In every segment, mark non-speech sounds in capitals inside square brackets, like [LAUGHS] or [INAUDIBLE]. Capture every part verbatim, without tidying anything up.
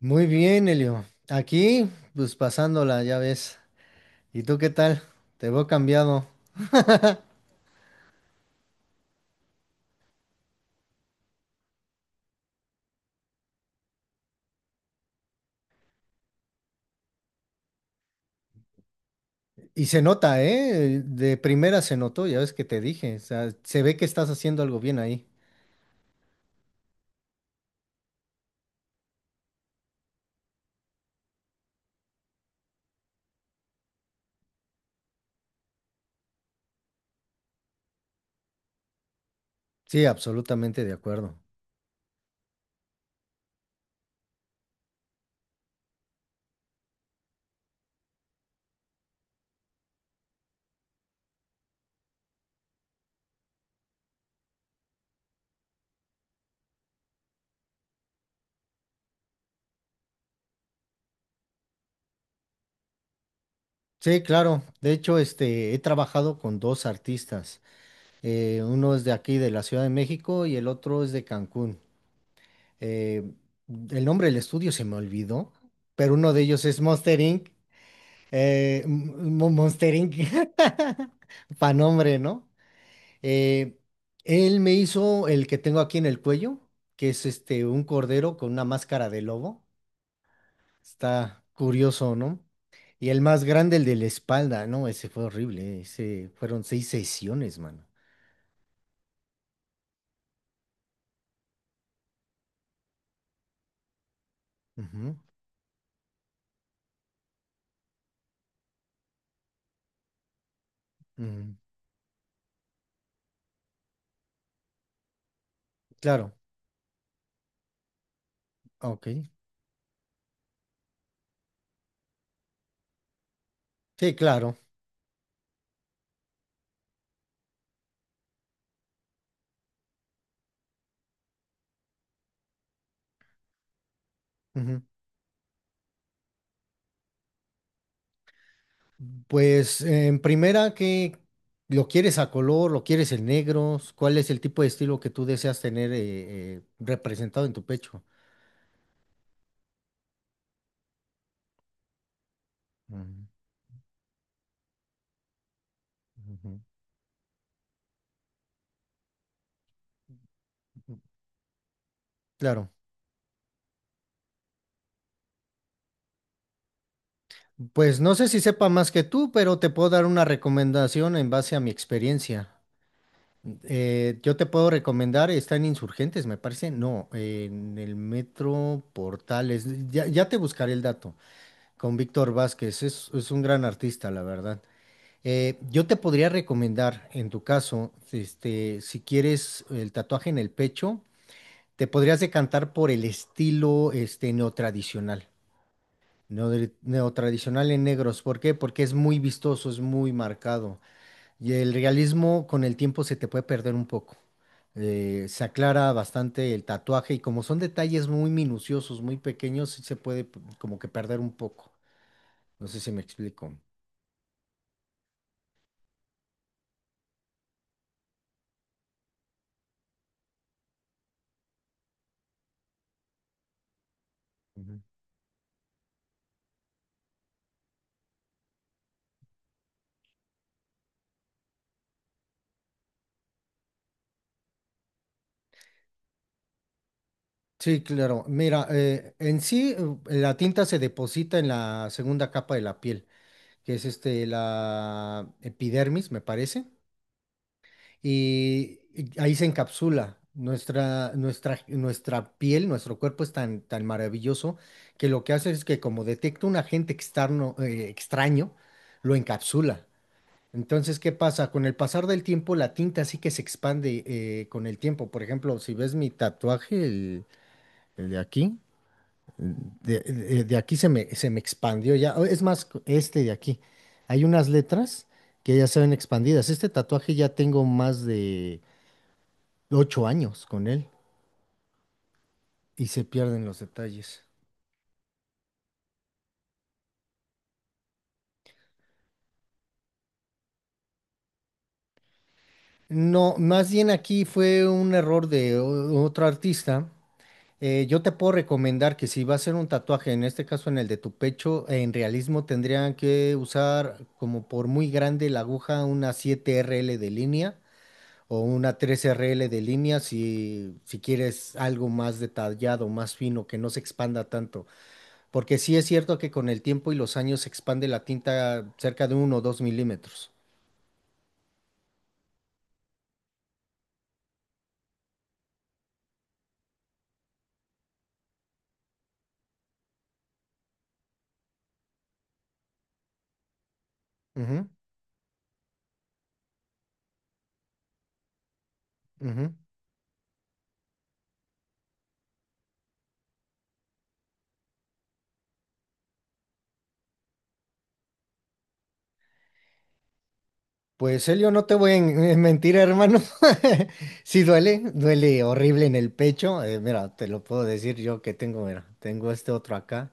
Muy bien, Elio. Aquí, pues pasándola, ya ves. ¿Y tú qué tal? Te veo cambiado. Y se nota, ¿eh? De primera se notó, ya ves que te dije. O sea, se ve que estás haciendo algo bien ahí. Sí, absolutamente de acuerdo. Sí, claro. De hecho, este, he trabajado con dos artistas. Eh, uno es de aquí, de la Ciudad de México, y el otro es de Cancún. Eh, el nombre del estudio se me olvidó, pero uno de ellos es Monster Inc. Eh, Mo- Monster Inc [LAUGHS] Pa' nombre, ¿no? Eh, Él me hizo el que tengo aquí en el cuello, que es este un cordero con una máscara de lobo. Está curioso, ¿no? Y el más grande, el de la espalda, ¿no? Ese fue horrible. Ese fueron seis sesiones, mano. Ujú, ujú. Claro, ok. Sí, claro. Pues en primera, ¿qué lo quieres a color, lo quieres en negros? ¿Cuál es el tipo de estilo que tú deseas tener eh, eh, representado en tu pecho? Ujú, ujú. Claro. Pues no sé si sepa más que tú, pero te puedo dar una recomendación en base a mi experiencia. Eh, yo te puedo recomendar, está en Insurgentes, me parece. No, en el Metro Portales. Ya, ya te buscaré el dato con Víctor Vázquez. Es, es un gran artista, la verdad. Eh, yo te podría recomendar, en tu caso, este, si quieres el tatuaje en el pecho, te podrías decantar por el estilo este, neotradicional. Neodri- Neotradicional en negros. ¿Por qué? Porque es muy vistoso, es muy marcado. Y el realismo con el tiempo se te puede perder un poco. Eh, se aclara bastante el tatuaje y como son detalles muy minuciosos, muy pequeños, sí se puede p- como que perder un poco. No sé si me explico. Sí, claro. Mira, eh, en sí eh, la tinta se deposita en la segunda capa de la piel, que es este, la epidermis, me parece, y, y ahí se encapsula. Nuestra, nuestra, nuestra piel, nuestro cuerpo es tan, tan maravilloso que lo que hace es que como detecta un agente externo, eh, extraño, lo encapsula. Entonces, ¿qué pasa? Con el pasar del tiempo, la tinta sí que se expande eh, con el tiempo. Por ejemplo, si ves mi tatuaje, el el de aquí. De, de- de aquí se me, se me expandió ya. Es más, este de aquí. Hay unas letras que ya se ven expandidas. Este tatuaje ya tengo más de ocho años con él y se pierden los detalles. No, más bien aquí fue un error de o- otro artista. Eh, yo te puedo recomendar que si va a ser un tatuaje, en este caso en el de tu pecho, en realismo tendrían que usar como por muy grande la aguja una siete R L de línea o una tres R L de línea si, si quieres algo más detallado, más fino, que no se expanda tanto. Porque sí es cierto que con el tiempo y los años se expande la tinta cerca de uno o dos milímetros. Ujú, ujú. Pues Elio, no te voy a en eh, mentir, hermano. [LAUGHS] Sí duele, duele horrible en el pecho. Eh, mira, te lo puedo decir yo que tengo, mira, tengo este otro acá.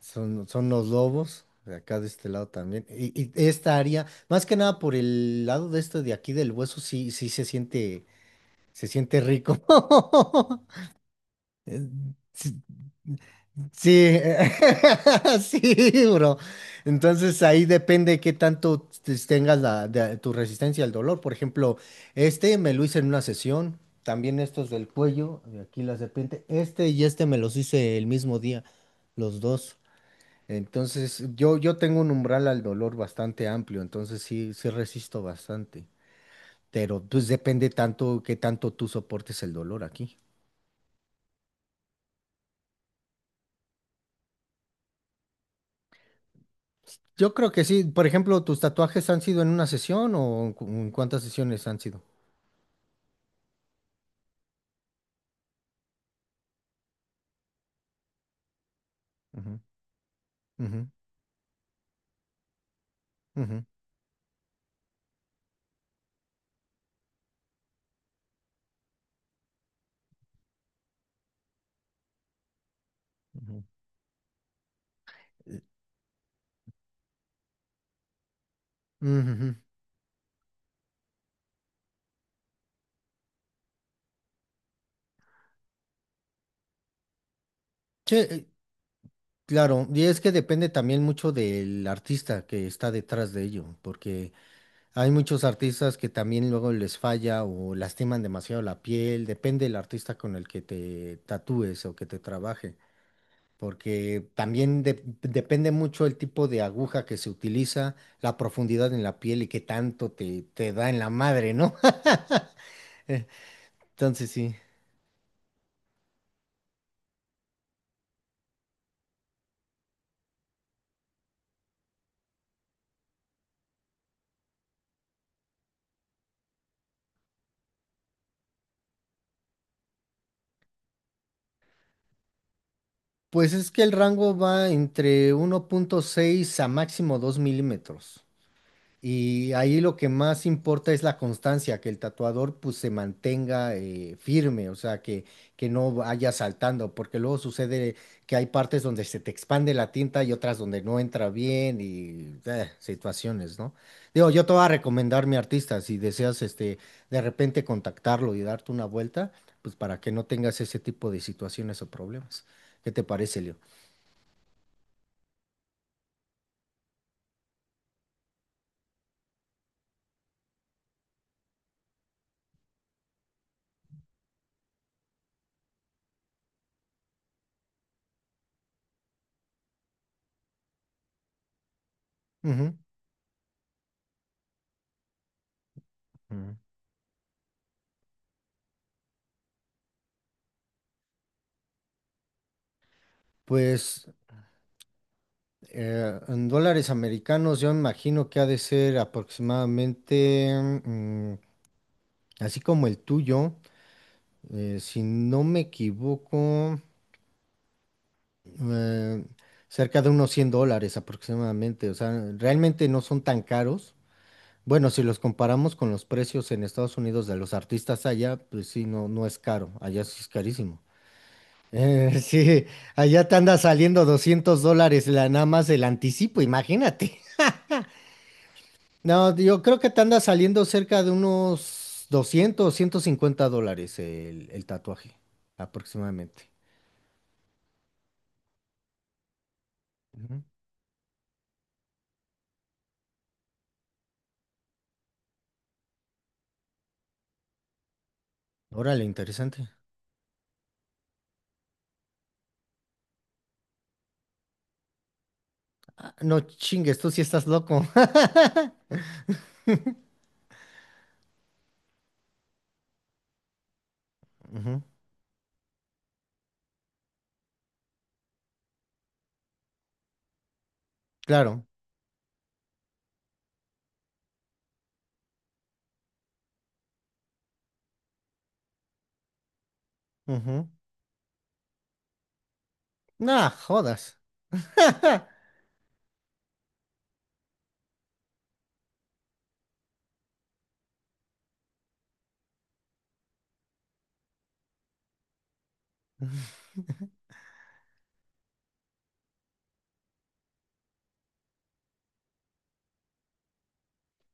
Son, son los lobos, de acá de este lado también. Y, y esta área, más que nada por el lado de esto de aquí del hueso, sí, sí se siente, se siente rico. [LAUGHS] Eh, Sí, sí, [LAUGHS] sí, bro. Entonces ahí depende qué tanto te- tengas la, de- tu resistencia al dolor. Por ejemplo, este me lo hice en una sesión, también estos del cuello, de aquí las de repente, este y este me los hice el mismo día, los dos. Entonces, yo, yo tengo un umbral al dolor bastante amplio, entonces sí, sí resisto bastante. Pero pues depende tanto qué tanto tú soportes el dolor aquí. Yo creo que sí. Por ejemplo, ¿tus tatuajes han sido en una sesión o en cu- en cuántas sesiones han sido? Ujú, ujú, ujú, ujú, ujú. Sí, eh, claro. Y es que depende también mucho del artista que está detrás de ello, porque hay muchos artistas que también luego les falla o lastiman demasiado la piel, depende del artista con el que te tatúes o que te trabaje, porque también de- depende mucho el tipo de aguja que se utiliza, la profundidad en la piel y qué tanto te, te da en la madre, ¿no? [LAUGHS] Entonces sí. Pues es que el rango va entre uno punto seis a máximo dos milímetros. Y ahí lo que más importa es la constancia, que el tatuador pues se mantenga eh, firme, o sea, que, que no vaya saltando, porque luego sucede que hay partes donde se te expande la tinta y otras donde no entra bien y eh, situaciones, ¿no? Digo, yo te voy a recomendar mi artista, si deseas este, de repente contactarlo y darte una vuelta, pues para que no tengas ese tipo de situaciones o problemas. ¿Qué te parece, Leo? Ujú, ujú. Pues... Eh, en dólares americanos, yo me imagino que ha de ser aproximadamente, mm, así como el tuyo, eh, si no me equivoco, eh, cerca de unos cien dólares aproximadamente. O sea, realmente no son tan caros. Bueno, si los comparamos con los precios en Estados Unidos de los artistas allá, pues sí, no, no es caro. Allá sí es carísimo. Eh, [LAUGHS] sí, allá te anda saliendo doscientos dólares la, nada más el anticipo, imagínate. No, yo creo que te anda saliendo cerca de unos doscientos, o ciento cincuenta dólares el, el tatuaje, aproximadamente. Ujú. Órale, interesante. Ah, no chingues, tú sí estás loco. [LAUGHS] Ujú, claro. Ujú. Nah, jodas. [LAUGHS]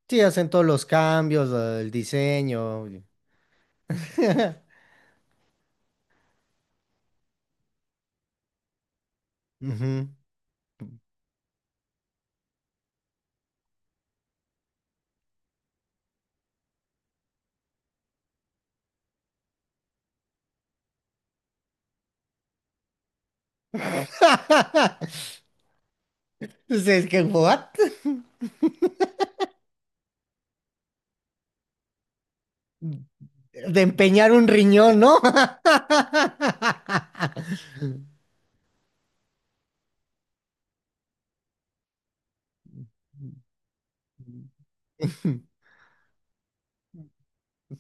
Sí, hacen todos los cambios, el diseño. Y- [LAUGHS] Ujú. Pues es que, what? De empeñar un riñón, ¿no? [LAUGHS]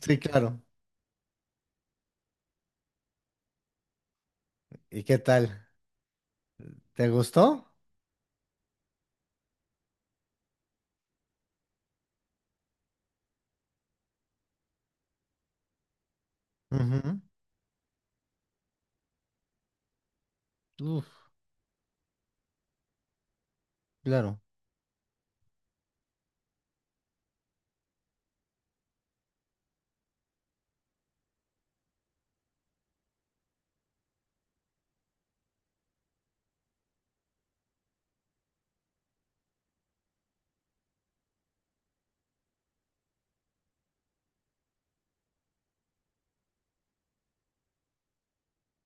Sí, claro. ¿Y qué tal? ¿Te gustó? Ujú. Uf, claro.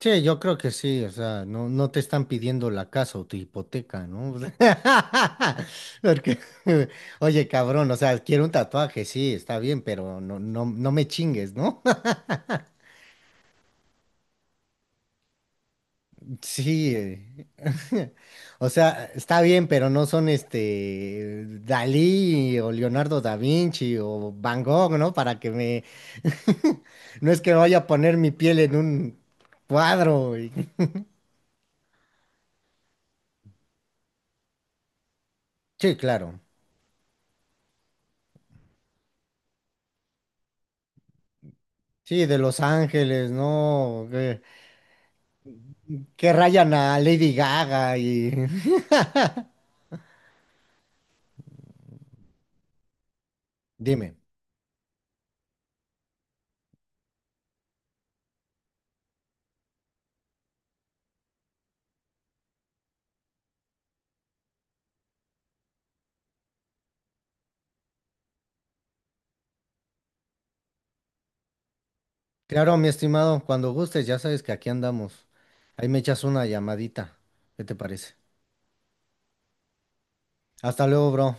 Sí, yo creo que sí, o sea, no, no te están pidiendo la casa o tu hipoteca, ¿no? [LAUGHS] Porque, [LAUGHS] oye, cabrón, o sea, quiero un tatuaje, sí, está bien, pero no, no, no me chingues, ¿no? [LAUGHS] Sí, eh, [LAUGHS] o sea, está bien, pero no son este Dalí o Leonardo da Vinci o Van Gogh, ¿no? Para que me, no es que vaya a poner mi piel en un cuadro. Y- [LAUGHS] Sí, claro. Sí, de Los Ángeles, ¿no? Que, que rayan a Lady Gaga y... [LAUGHS] Dime. Claro, mi estimado, cuando gustes, ya sabes que aquí andamos. Ahí me echas una llamadita. ¿Qué te parece? Hasta luego, bro.